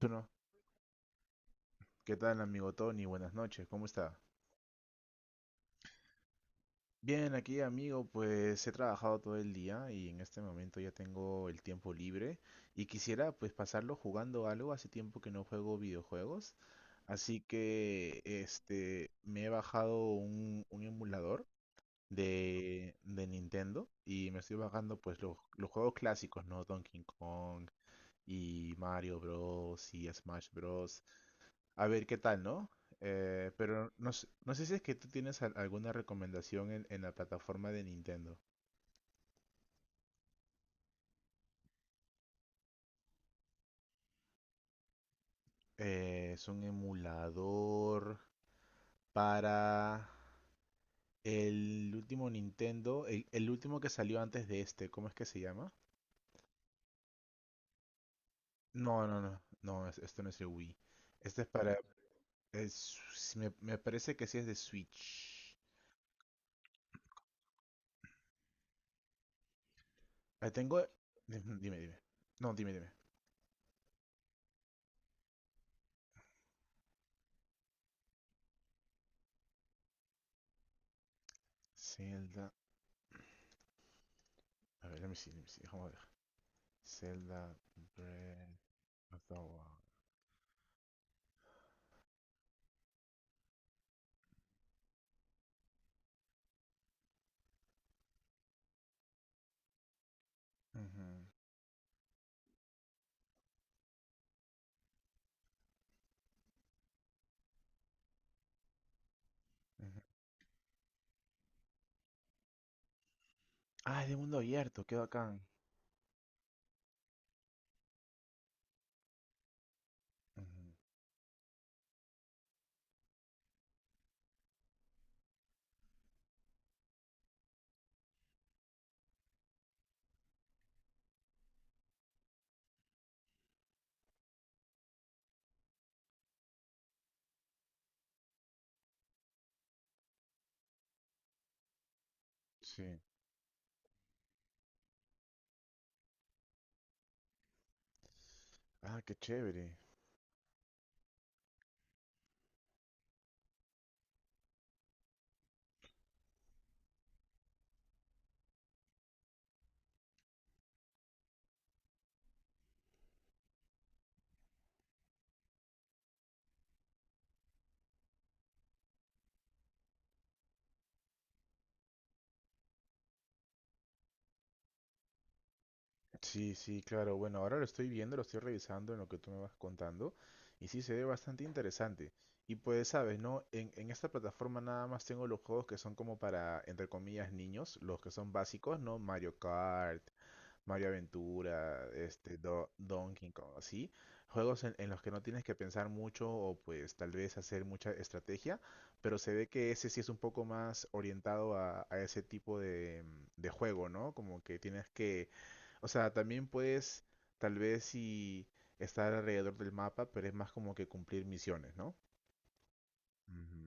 Bueno, ¿qué tal amigo Tony? Buenas noches, ¿cómo está? Bien, aquí amigo, pues he trabajado todo el día y en este momento ya tengo el tiempo libre y quisiera pues pasarlo jugando algo, hace tiempo que no juego videojuegos, así que me he bajado un emulador de Nintendo y me estoy bajando pues los juegos clásicos, ¿no? Donkey Kong y Mario Bros. Y Smash Bros. A ver qué tal, ¿no? Pero no, no sé si es que tú tienes alguna recomendación en la plataforma de Nintendo. Es un emulador para el último Nintendo, el último que salió antes de este, ¿cómo es que se llama? No, no, no, no, esto no es el Wii. Este es para... Si me parece que sí es de Switch. Ah, tengo... Dime, dime. No, dime, dime. Zelda... A ver, let me see, déjame ver. Zelda Breath. Hasta ahora. Ujú, ujú. Ah, es de mundo abierto, qué bacán. Ujú. Sí. Ah, qué chévere. Sí, sí, claro. Bueno, ahora lo estoy viendo, lo estoy revisando en lo que tú me vas contando. Y sí, se ve bastante interesante. Y pues, sabes, ¿no? En esta plataforma nada más tengo los juegos que son como para, entre comillas, niños. Los que son básicos, ¿no? Mario Kart, Mario Aventura, Donkey Kong, así. Juegos en los que no tienes que pensar mucho o pues tal vez hacer mucha estrategia, pero se ve que ese sí es un poco más orientado a ese tipo de juego, ¿no? Como que tienes que, o sea, también puedes tal vez sí estar alrededor del mapa, pero es más como que cumplir misiones, ¿no? Ujú,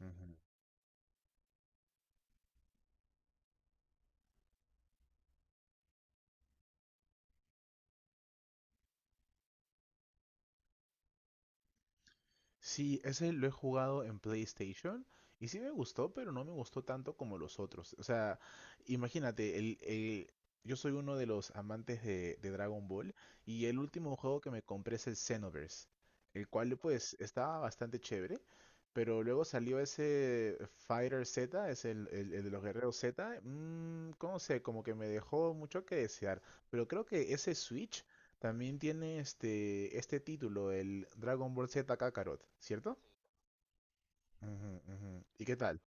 ujú. Sí, ese lo he jugado en PlayStation y sí me gustó, pero no me gustó tanto como los otros. O sea, imagínate, yo soy uno de los amantes de Dragon Ball y el último juego que me compré es el Xenoverse, el cual pues estaba bastante chévere, pero luego salió ese Fighter Z, es el de los guerreros Z, ¿cómo sé? Como que me dejó mucho que desear, pero creo que ese Switch también tiene este título, el Dragon Ball Z Kakarot, ¿cierto? Ujú, ujú. ¿Y qué tal?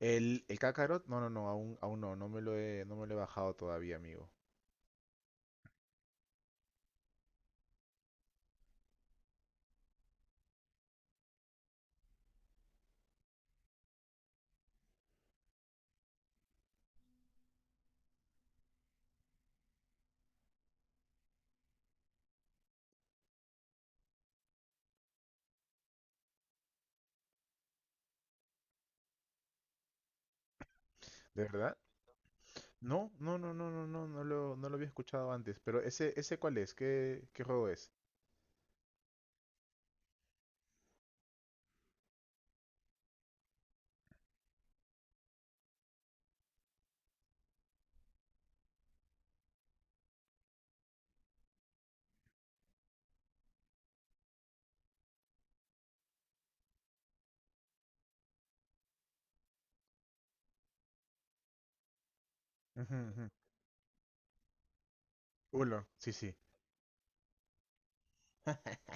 ¿El Kakarot? No, no, no, aún no, no me lo he bajado todavía, amigo. ¿De verdad? No, no, no, no, no, no, no lo había escuchado antes, pero ese ¿cuál es? ¿Qué juego es? Ujú, ujú. Uno, sí, sí.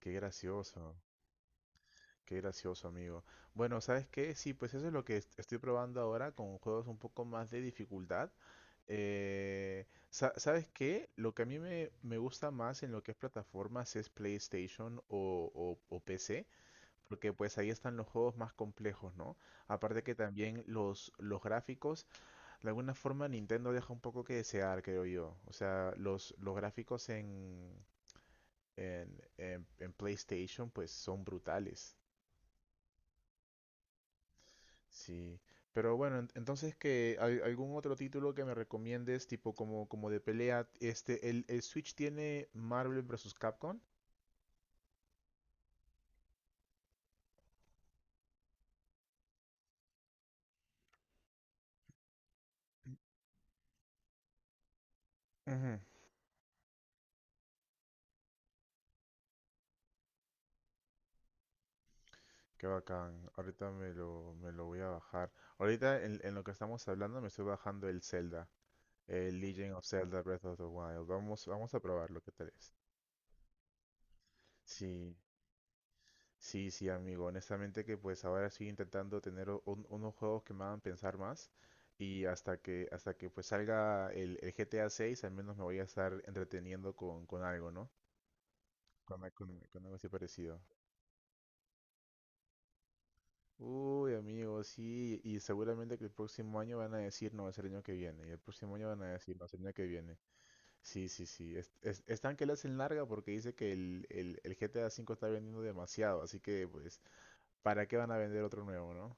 Qué gracioso. Qué gracioso, amigo. Bueno, ¿sabes qué? Sí, pues eso es lo que estoy probando ahora con juegos un poco más de dificultad. ¿Sabes qué? Lo que a mí me gusta más en lo que es plataformas es PlayStation o PC, porque pues ahí están los juegos más complejos, ¿no? Aparte que también los gráficos, de alguna forma Nintendo deja un poco que desear, creo yo. O sea, los gráficos en, en PlayStation pues son brutales. Sí, pero bueno, entonces que algún otro título que me recomiendes, tipo como de pelea, el Switch tiene Marvel versus Capcom. Ujú, qué bacán, ahorita me lo voy a bajar. Ahorita en lo que estamos hablando me estoy bajando el Zelda, el Legend of Zelda Breath of the Wild. Vamos, vamos a probarlo, ¿qué tal es? Sí, sí, sí, amigo. Honestamente que pues ahora estoy intentando tener unos juegos que me hagan pensar más y hasta que pues salga el GTA 6 al menos me voy a estar entreteniendo con algo, ¿no? Con algo así parecido. Uy, amigo, sí. Y seguramente que el próximo año van a decir no, es el año que viene. Y el próximo año van a decir no, es el año que viene. Sí, sí, sí. Están que le hacen larga porque dice que el GTA 5 está vendiendo demasiado. Así que pues, ¿para qué van a vender otro nuevo, no?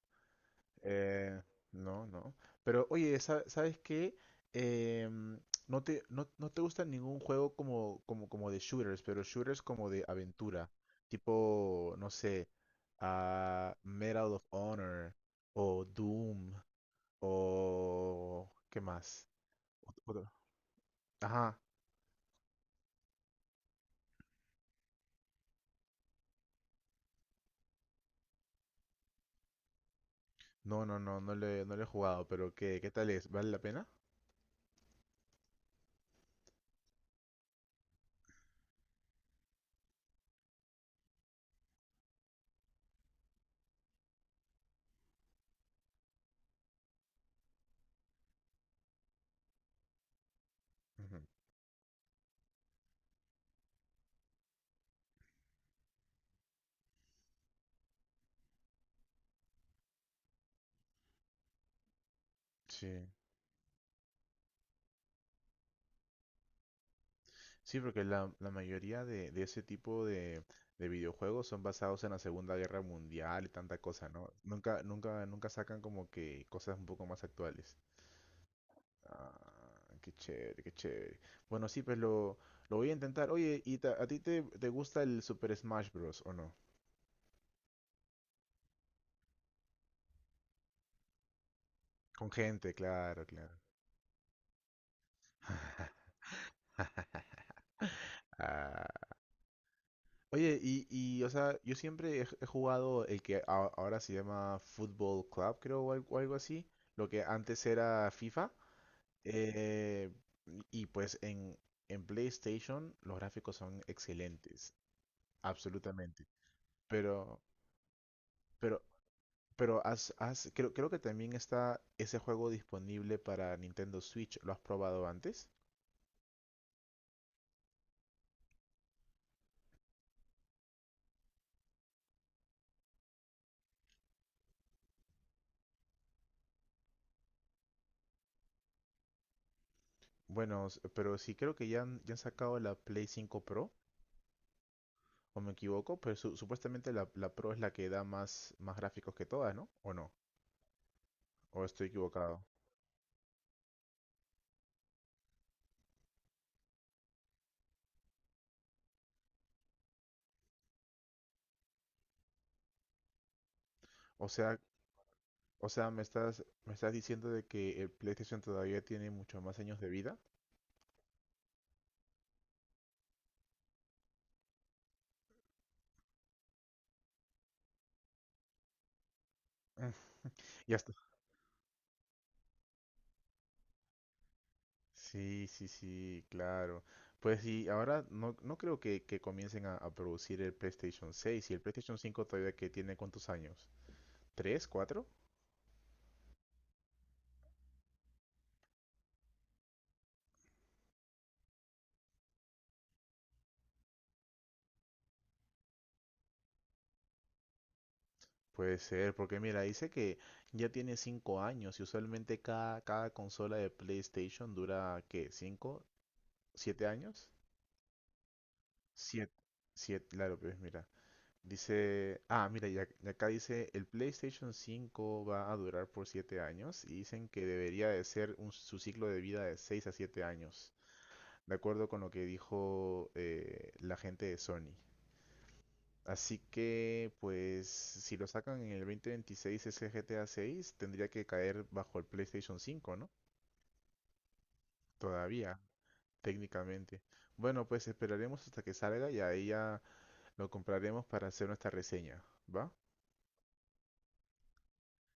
Eh, no, no. Pero oye, ¿sabes qué? Em, no te gusta ningún juego como, como de shooters, pero shooters como de aventura. Tipo, no sé, ah, Medal of Honor o Doom o... ¿Qué más? Otro. Ajá. No, no, no, no le he jugado, pero ¿qué tal es? ¿Vale la pena? Ujú. Sí. Sí, porque la mayoría de ese tipo de videojuegos son basados en la Segunda Guerra Mundial y tanta cosa, ¿no? Nunca, nunca, nunca sacan como que cosas un poco más actuales. Ah, qué chévere, qué chévere. Bueno, sí, pues lo voy a intentar. Oye, ¿y a ti te gusta el Super Smash Bros. O no? Con gente, claro, claro. Ah, oye, o sea, yo siempre he jugado el que ahora se llama Football Club, creo, o algo así, lo que antes era FIFA. Eh, y pues en PlayStation los gráficos son excelentes, absolutamente. Pero, pero, pero creo que también está ese juego disponible para Nintendo Switch. ¿Lo has probado antes? Bueno, pero sí creo que ya han sacado la Play 5 Pro, o me equivoco, pero supuestamente la Pro es la que da más gráficos que todas, ¿no? ¿O no? ¿O estoy equivocado? O sea, o sea, me estás diciendo de que el PlayStation todavía tiene muchos más años de vida. Mm. Ya está. Sí, sí, sí, claro. Pues sí, ahora no creo que comiencen a producir el PlayStation 6 y el PlayStation 5 todavía que tiene cuántos años. ¿Tres, cuatro? Puede ser, porque mira, dice que ya tiene 5 años y usualmente cada consola de PlayStation dura, ¿qué? ¿Cinco? ¿7 años? Siete. Siete, claro, pues mira. Dice, ah, mira, y y acá dice, el PlayStation 5 va a durar por 7 años y dicen que debería de ser su ciclo de vida de 6 a 7 años, de acuerdo con lo que dijo la gente de Sony. Así que, pues, si lo sacan en el 2026 ese GTA 6, tendría que caer bajo el PlayStation 5, ¿no? Todavía, técnicamente. Bueno, pues esperaremos hasta que salga y ahí ya lo compraremos para hacer nuestra reseña, ¿va?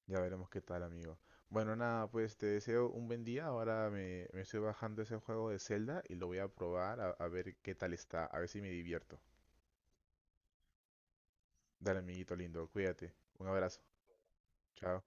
Ya veremos qué tal, amigo. Bueno, nada, pues te deseo un buen día. Ahora me estoy bajando ese juego de Zelda y lo voy a probar a ver qué tal está, a ver si me divierto. Dale, amiguito lindo, cuídate. Un abrazo. Chao.